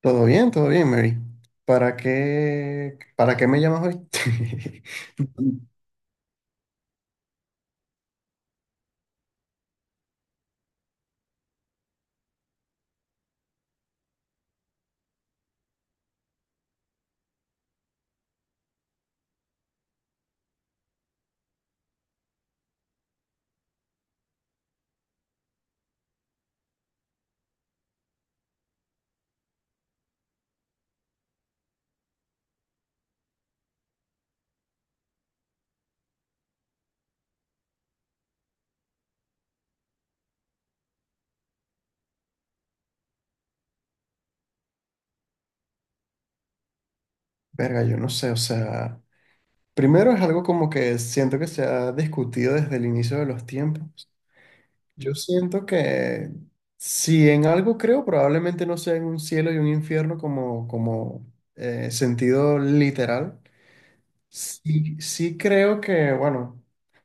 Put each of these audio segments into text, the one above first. Todo bien, Mary. ¿Para qué me llamas hoy? Verga, yo no sé, o sea, primero es algo como que siento que se ha discutido desde el inicio de los tiempos. Yo siento que si en algo creo, probablemente no sea en un cielo y un infierno como, sentido literal. Sí, sí creo que, bueno,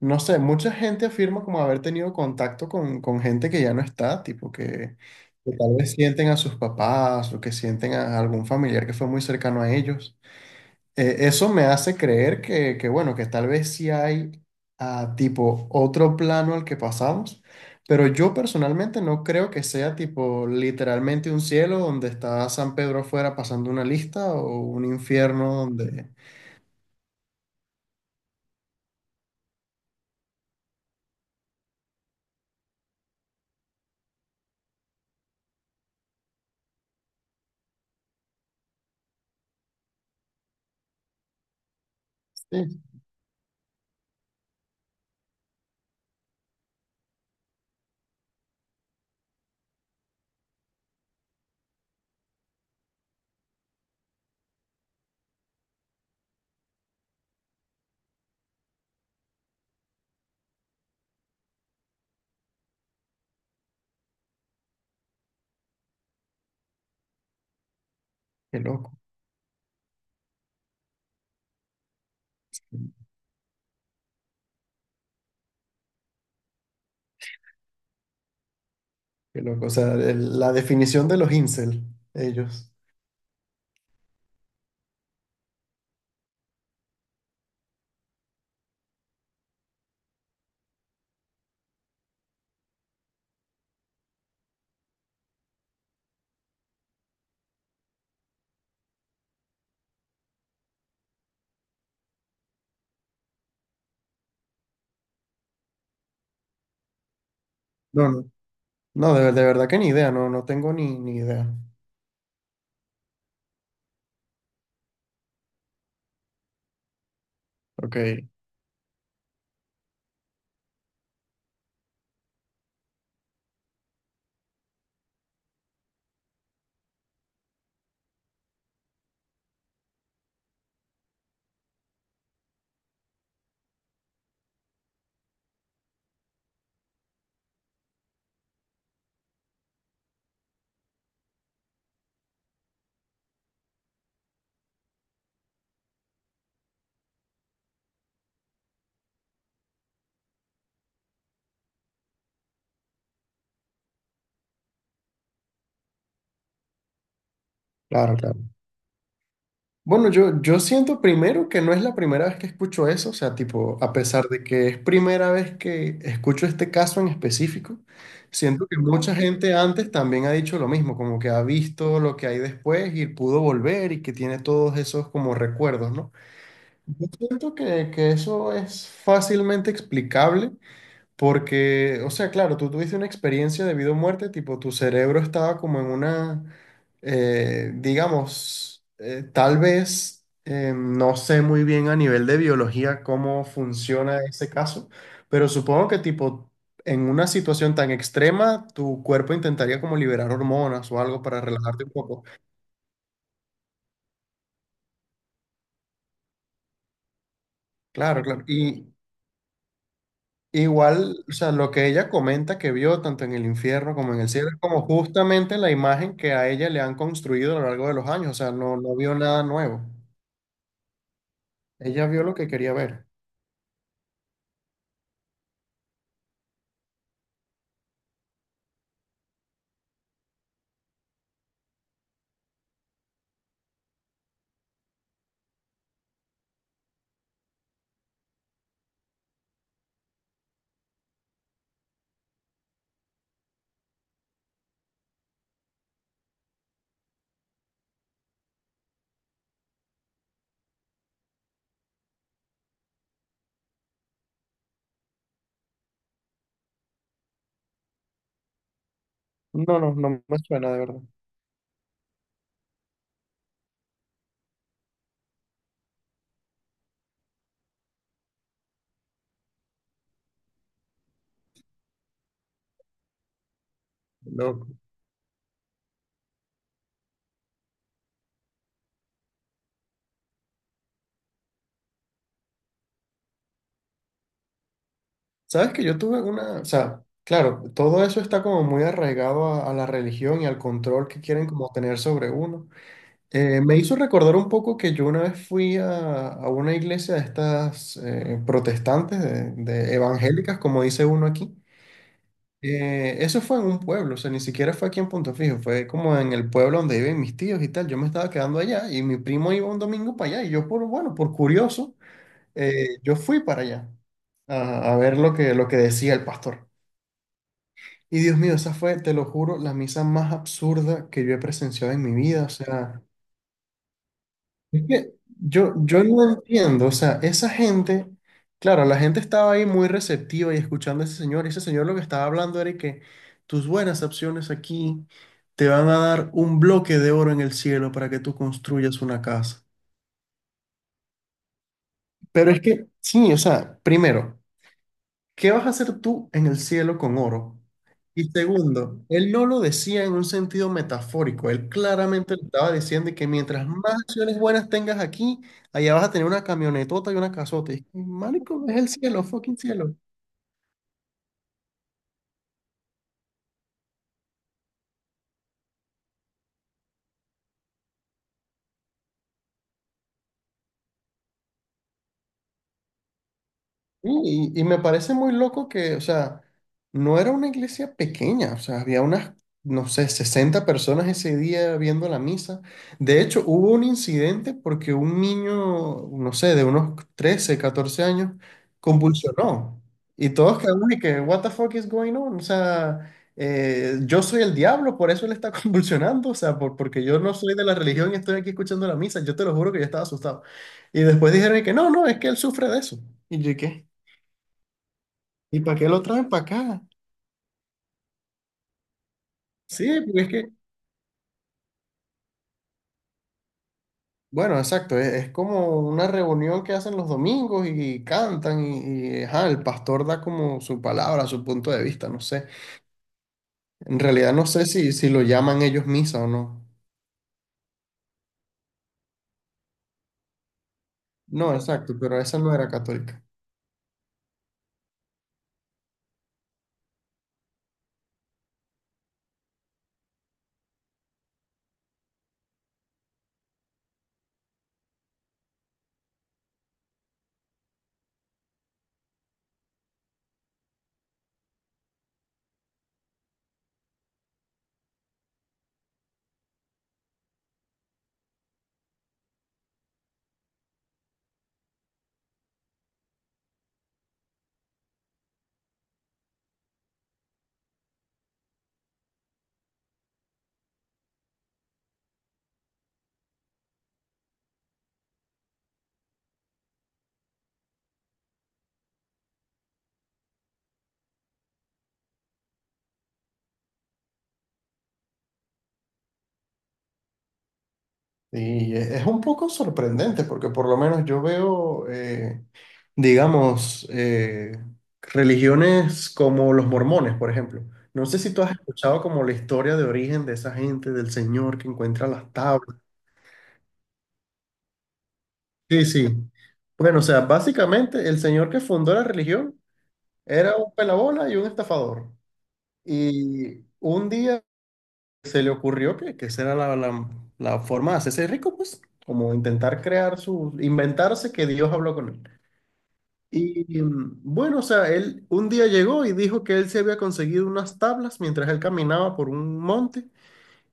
no sé, mucha gente afirma como haber tenido contacto con gente que ya no está, tipo que tal vez sienten a sus papás o que sienten a algún familiar que fue muy cercano a ellos. Eso me hace creer que, bueno, que tal vez sí hay tipo otro plano al que pasamos, pero yo personalmente no creo que sea tipo literalmente un cielo donde está San Pedro afuera pasando una lista o un infierno donde. Sí. Qué loco. Qué loco. O sea, la definición de los incel, ellos. No, no. No, de verdad que ni idea, no, no tengo ni idea. Ok, claro, claro. Bueno, yo siento primero que no es la primera vez que escucho eso, o sea, tipo, a pesar de que es primera vez que escucho este caso en específico, siento que mucha gente antes también ha dicho lo mismo, como que ha visto lo que hay después y pudo volver y que tiene todos esos como recuerdos, ¿no? Yo siento que eso es fácilmente explicable. Porque, o sea, claro, tú tuviste una experiencia de vida o muerte, tipo, tu cerebro estaba como en una, digamos, tal vez, no sé muy bien a nivel de biología cómo funciona ese caso, pero supongo que, tipo, en una situación tan extrema, tu cuerpo intentaría como liberar hormonas o algo para relajarte un poco. Claro, claro. Y, igual, o sea, lo que ella comenta que vio tanto en el infierno como en el cielo es como justamente la imagen que a ella le han construido a lo largo de los años, o sea, no, no vio nada nuevo. Ella vio lo que quería ver. No, no, no me suena de verdad. Loco. Sabes que yo tuve una, o sea, claro, todo eso está como muy arraigado a la religión y al control que quieren como tener sobre uno. Me hizo recordar un poco que yo una vez fui a una iglesia de estas protestantes, de evangélicas, como dice uno aquí. Eso fue en un pueblo, o sea, ni siquiera fue aquí en Punto Fijo, fue como en el pueblo donde viven mis tíos y tal. Yo me estaba quedando allá y mi primo iba un domingo para allá y yo por, bueno, por curioso, yo fui para allá a ver lo que decía el pastor. Y Dios mío, esa fue, te lo juro, la misa más absurda que yo he presenciado en mi vida. O sea, es que yo no entiendo, o sea, esa gente, claro, la gente estaba ahí muy receptiva y escuchando a ese señor, y ese señor lo que estaba hablando era que tus buenas acciones aquí te van a dar un bloque de oro en el cielo para que tú construyas una casa. Pero es que, sí, o sea, primero. ¿Qué vas a hacer tú en el cielo con oro? Y segundo, él no lo decía en un sentido metafórico, él claramente le estaba diciendo que mientras más acciones buenas tengas aquí, allá vas a tener una camionetota y una casota. Y, marico, es el cielo, fucking cielo. Sí, y me parece muy loco que, o sea, no era una iglesia pequeña, o sea, había unas, no sé, 60 personas ese día viendo la misa. De hecho, hubo un incidente porque un niño, no sé, de unos 13 14 años, convulsionó. Y todos quedamos de que, what the fuck is going on? O sea, yo soy el diablo, por eso él está convulsionando, o sea, porque yo no soy de la religión y estoy aquí escuchando la misa. Yo te lo juro que yo estaba asustado. Y después dijeron de que no, no, es que él sufre de eso. Y yo, ¿qué? ¿Y para qué lo traen para acá? Sí, porque es que, bueno, exacto, es como una reunión que hacen los domingos y, cantan y, ajá, el pastor da como su palabra, su punto de vista, no sé. En realidad no sé si lo llaman ellos misa o no. No, exacto, pero esa no era católica. Y es un poco sorprendente porque por lo menos yo veo, digamos, religiones como los mormones, por ejemplo. No sé si tú has escuchado como la historia de origen de esa gente, del Señor que encuentra las tablas. Sí, sí. Bueno, o sea, básicamente el señor que fundó la religión era un pelabola y un estafador. Y un día se le ocurrió que esa era la forma de hacerse rico, pues, como intentar crear su, inventarse que Dios habló con él. Y bueno, o sea, él un día llegó y dijo que él se había conseguido unas tablas mientras él caminaba por un monte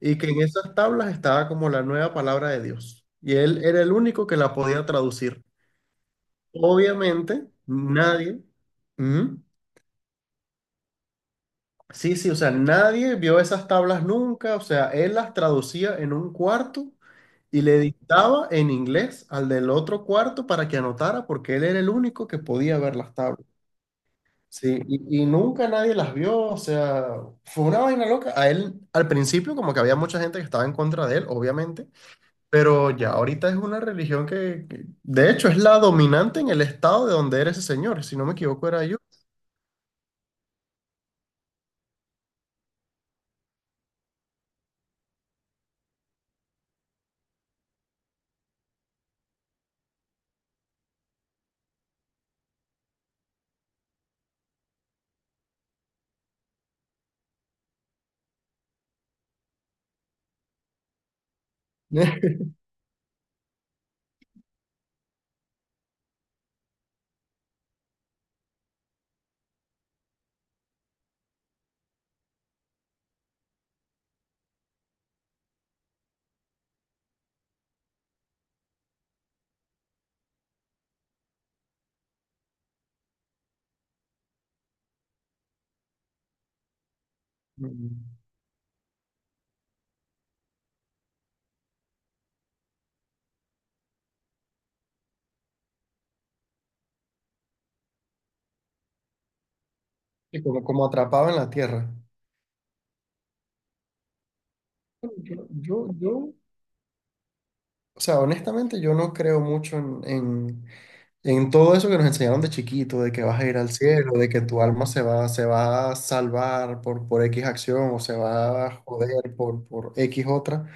y que en esas tablas estaba como la nueva palabra de Dios. Y él era el único que la podía traducir. Obviamente, nadie, ujú. Sí, sí, o sea, nadie vio esas tablas nunca, o sea, él las traducía en un cuarto y le dictaba en inglés al del otro cuarto para que anotara porque él era el único que podía ver las tablas. Sí, y nunca nadie las vio, o sea, fue una vaina loca. A él, al principio, como que había mucha gente que estaba en contra de él, obviamente, pero ya ahorita es una religión que, de hecho, es la dominante en el estado de donde era ese señor, si no me equivoco, era yo. Y como atrapado en la tierra. Yo, yo, o sea, honestamente, yo no creo mucho en todo eso que nos enseñaron de chiquito, de que vas a ir al cielo, de que tu alma se va a salvar por X acción o se va a joder por X otra.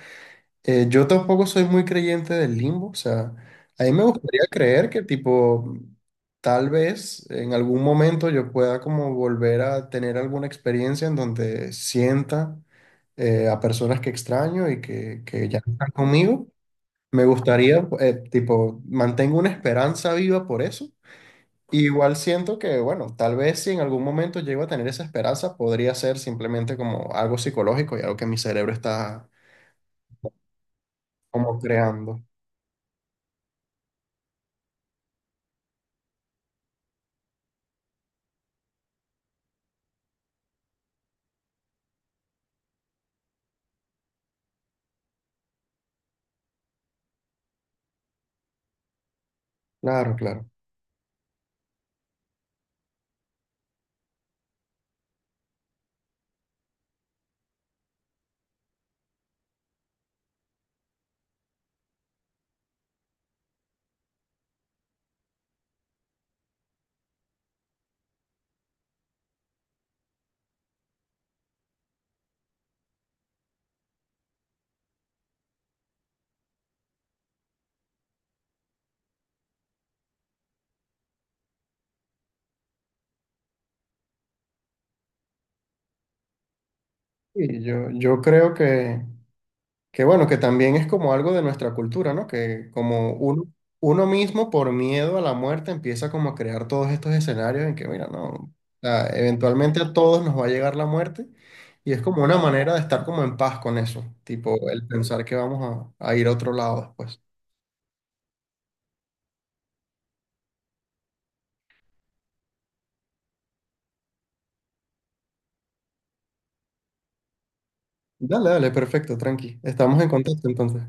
Yo tampoco soy muy creyente del limbo, o sea, a mí me gustaría creer que tipo, tal vez en algún momento yo pueda como volver a tener alguna experiencia en donde sienta a personas que extraño y que ya no están conmigo. Me gustaría, tipo, mantengo una esperanza viva por eso. Igual siento que, bueno, tal vez si en algún momento llego a tener esa esperanza, podría ser simplemente como algo psicológico y algo que mi cerebro está como creando. Claro, claro. Y yo creo que, bueno, que también es como algo de nuestra cultura, ¿no? Que como uno mismo por miedo a la muerte empieza como a crear todos estos escenarios en que, mira, no, o sea, eventualmente a todos nos va a llegar la muerte y es como una manera de estar como en paz con eso, tipo el pensar que vamos a ir a otro lado después. Dale, dale, perfecto, tranqui. Estamos en contacto entonces.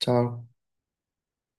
Chao.